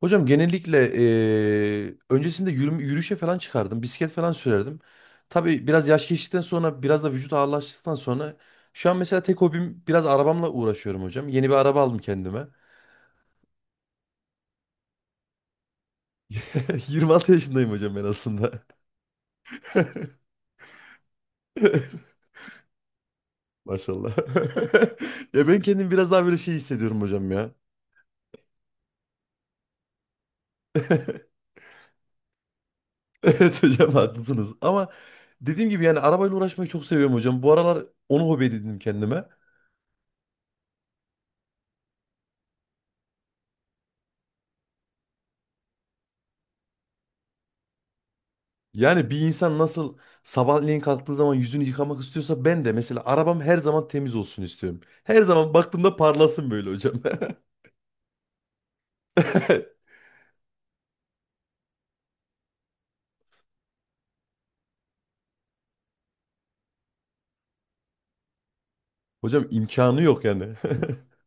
Hocam genellikle öncesinde yürüyüşe falan çıkardım. Bisiklet falan sürerdim. Tabii biraz yaş geçtikten sonra biraz da vücut ağırlaştıktan sonra şu an mesela tek hobim biraz arabamla uğraşıyorum hocam. Yeni bir araba aldım kendime. 26 yaşındayım hocam ben aslında. Maşallah. Ya ben kendim biraz daha böyle şey hissediyorum hocam ya. Evet hocam haklısınız. Ama dediğim gibi yani arabayla uğraşmayı çok seviyorum hocam. Bu aralar onu hobi edindim kendime. Yani bir insan nasıl sabahleyin kalktığı zaman yüzünü yıkamak istiyorsa ben de mesela arabam her zaman temiz olsun istiyorum. Her zaman baktığımda parlasın böyle hocam. Hocam imkanı yok yani.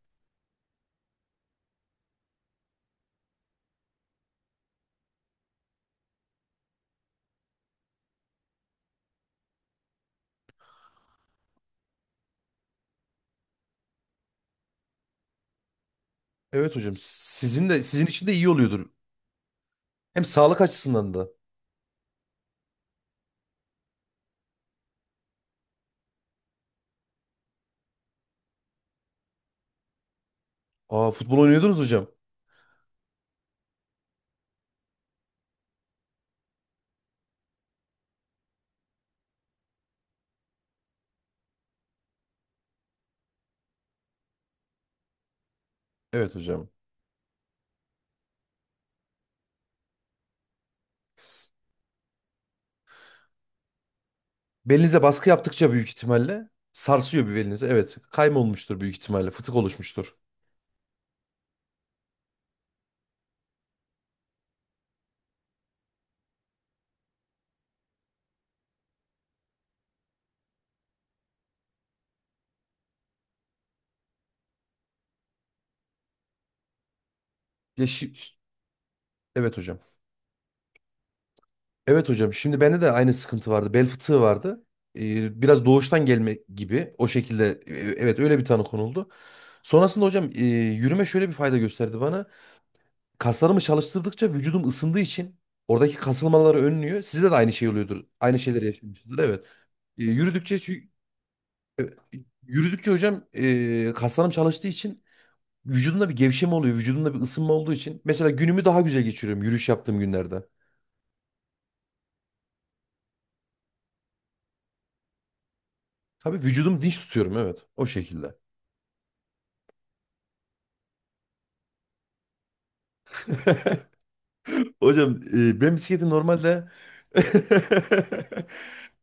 Evet hocam sizin de sizin için de iyi oluyordur. Hem sağlık açısından da. Aa, futbol oynuyordunuz hocam. Evet hocam. Belinize baskı yaptıkça büyük ihtimalle sarsıyor bir belinize. Evet, kayma olmuştur büyük ihtimalle, fıtık oluşmuştur. Ya şi- evet hocam. Evet hocam. Şimdi bende de aynı sıkıntı vardı. Bel fıtığı vardı. Biraz doğuştan gelme gibi. O şekilde evet öyle bir tanı konuldu. Sonrasında hocam yürüme şöyle bir fayda gösterdi bana. Kaslarımı çalıştırdıkça vücudum ısındığı için oradaki kasılmaları önlüyor. Sizde de aynı şey oluyordur. Aynı şeyleri yaşamışsınızdır. Evet. E, yürüdükçe çünkü- e, yürüdükçe hocam kaslarım çalıştığı için vücudumda bir gevşeme oluyor. Vücudumda bir ısınma olduğu için. Mesela günümü daha güzel geçiriyorum yürüyüş yaptığım günlerde. Tabii vücudumu dinç tutuyorum, evet. O şekilde. Hocam, ben bisikleti normalde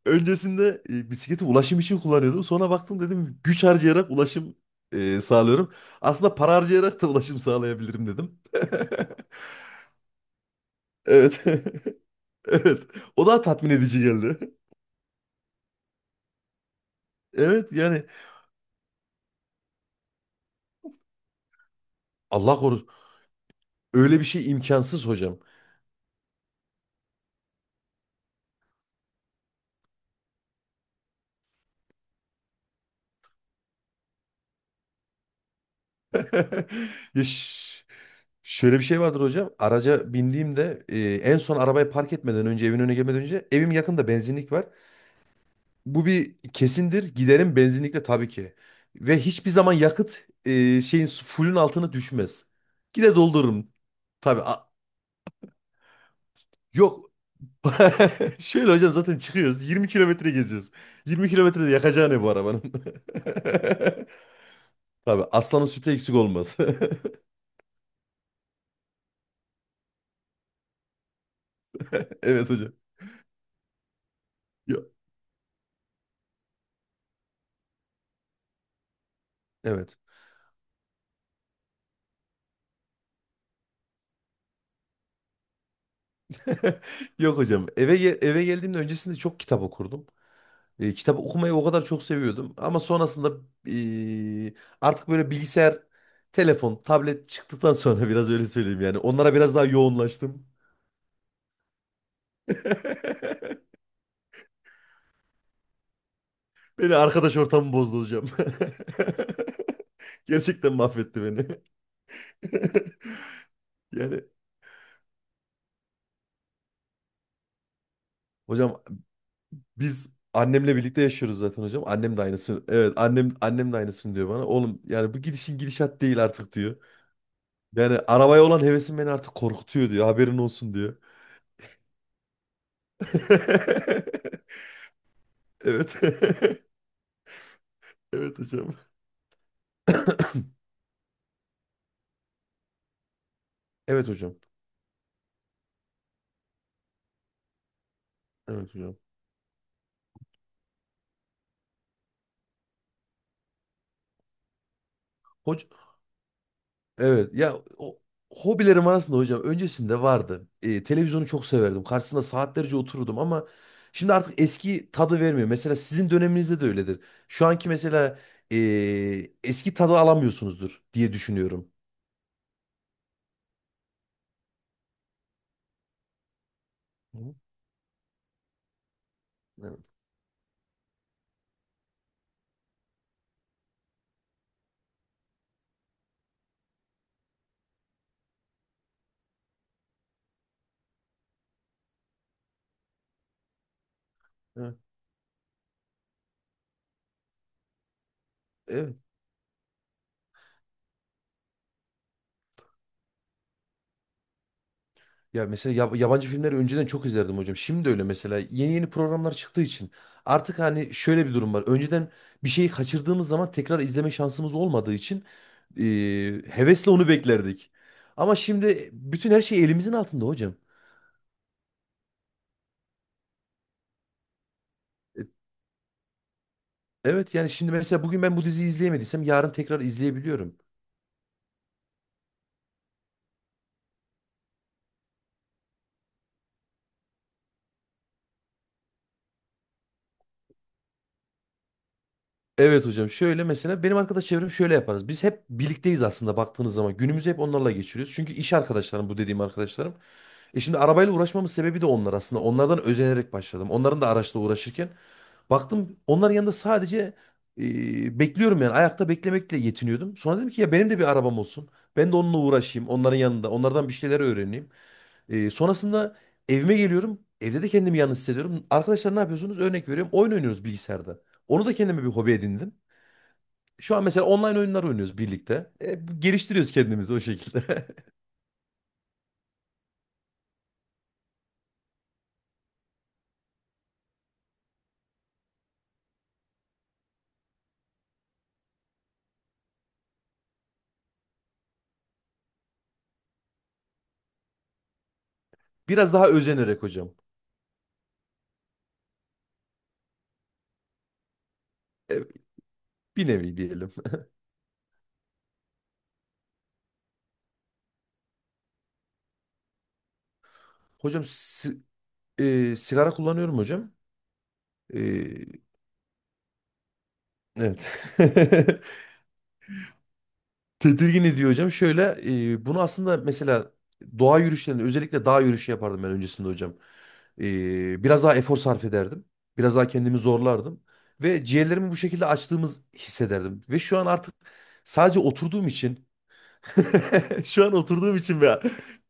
öncesinde bisikleti ulaşım için kullanıyordum. Sonra baktım dedim güç harcayarak ulaşım sağlıyorum. Aslında para harcayarak da ulaşım sağlayabilirim dedim. Evet. Evet. O daha tatmin edici geldi. Evet yani Allah korusun. Öyle bir şey imkansız hocam. Ya ş- şöyle bir şey vardır hocam. Araca bindiğimde en son arabayı park etmeden önce evin önüne gelmeden önce evim yakında benzinlik var. Bu bir kesindir. Giderim benzinlikle tabii ki. Ve hiçbir zaman yakıt şeyin fullün altına düşmez. Gide doldururum. Tabii. a- yok. Şöyle hocam zaten çıkıyoruz. 20 kilometre geziyoruz. 20 kilometrede yakacağı ne bu arabanın? Tabii aslanın sütü eksik olmaz. Evet hocam. Yok. Evet. Yok hocam. Eve geldiğimde öncesinde çok kitap okurdum. Kitap okumayı o kadar çok seviyordum. Ama sonrasında e, artık böyle bilgisayar, telefon, tablet çıktıktan sonra biraz öyle söyleyeyim yani. Onlara biraz daha yoğunlaştım. Beni arkadaş ortamı bozdu hocam. Gerçekten mahvetti beni. Yani hocam biz annemle birlikte yaşıyoruz zaten hocam. Annem de aynısını. Evet, annem de aynısını diyor bana. Oğlum yani bu gidişin gidişat değil artık diyor. Yani arabaya olan hevesim beni artık korkutuyor diyor. Haberin olsun diyor. Evet. Evet hocam. Evet hocam. Evet hocam. Hoc evet ya o hobilerim arasında hocam öncesinde vardı. Televizyonu çok severdim. Karşısında saatlerce otururdum ama şimdi artık eski tadı vermiyor. Mesela sizin döneminizde de öyledir. Şu anki mesela ee, eski tadı alamıyorsunuzdur diye düşünüyorum. Hı, evet. Evet. Evet. Ya mesela yabancı filmleri önceden çok izlerdim hocam. Şimdi öyle mesela yeni yeni programlar çıktığı için artık hani şöyle bir durum var. Önceden bir şeyi kaçırdığımız zaman tekrar izleme şansımız olmadığı için e, hevesle onu beklerdik. Ama şimdi bütün her şey elimizin altında hocam. E, Evet yani şimdi mesela bugün ben bu diziyi izleyemediysem yarın tekrar izleyebiliyorum. Evet hocam şöyle mesela benim arkadaş çevrem şöyle yaparız. Biz hep birlikteyiz aslında baktığınız zaman. Günümüzü hep onlarla geçiriyoruz. Çünkü iş arkadaşlarım bu dediğim arkadaşlarım. E şimdi arabayla uğraşmamın sebebi de onlar aslında. Onlardan özenerek başladım. Onların da araçla uğraşırken baktım onların yanında sadece bekliyorum yani ayakta beklemekle yetiniyordum. Sonra dedim ki ya benim de bir arabam olsun. Ben de onunla uğraşayım onların yanında. Onlardan bir şeyler öğreneyim. Sonrasında evime geliyorum. Evde de kendimi yalnız hissediyorum. Arkadaşlar ne yapıyorsunuz? Örnek veriyorum. Oyun oynuyoruz bilgisayarda. Onu da kendime bir hobi edindim. Şu an mesela online oyunlar oynuyoruz birlikte. Geliştiriyoruz kendimizi o şekilde. Biraz daha özenerek hocam. E, bir nevi diyelim. Hocam si- sigara kullanıyorum hocam. E, evet. Tedirgin ediyor hocam. Şöyle bunu aslında mesela doğa yürüyüşlerinde özellikle dağ yürüyüşü yapardım ben öncesinde hocam. Biraz daha efor sarf ederdim. Biraz daha kendimi zorlardım. Ve ciğerlerimi bu şekilde açtığımız hissederdim. Ve şu an artık sadece oturduğum için şu an oturduğum için veya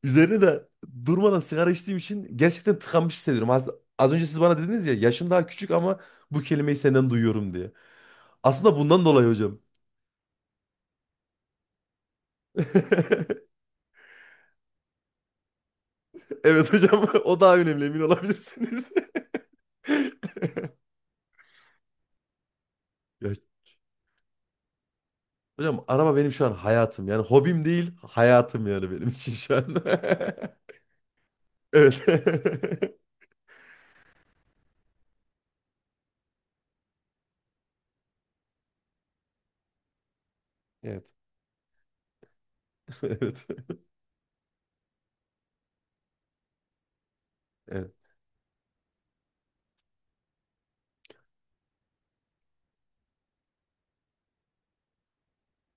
üzerine de durmadan sigara içtiğim için gerçekten tıkanmış hissediyorum. Az önce siz bana dediniz ya yaşın daha küçük ama bu kelimeyi senden duyuyorum diye. Aslında bundan dolayı hocam. Evet hocam o daha önemli, emin olabilirsiniz. Ya, hocam araba benim şu an hayatım. Yani hobim değil, hayatım yani benim için şu an. Evet. Evet. Evet. Evet.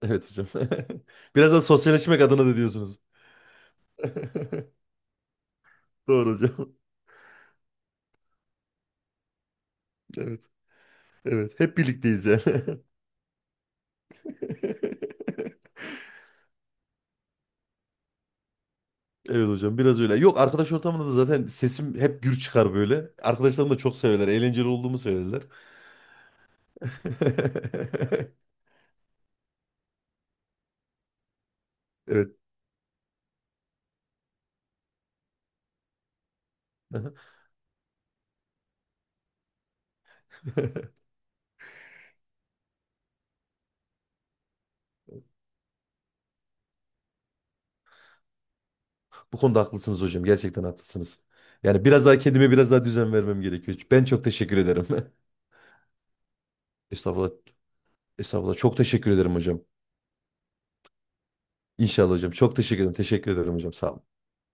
Evet hocam. Biraz da sosyalleşmek adına da diyorsunuz. Doğru hocam. Evet. Evet. Hep birlikteyiz yani. Evet hocam biraz öyle. Yok, arkadaş ortamında da zaten sesim hep gür çıkar böyle. Arkadaşlarım da çok severler. Eğlenceli olduğumu söylerler. Evet. Aha. Bu konuda haklısınız hocam. Gerçekten haklısınız. Yani biraz daha kendime biraz daha düzen vermem gerekiyor. Ben çok teşekkür ederim. Estağfurullah. Estağfurullah. Çok teşekkür ederim hocam. İnşallah hocam. Çok teşekkür ederim. Teşekkür ederim hocam. Sağ olun.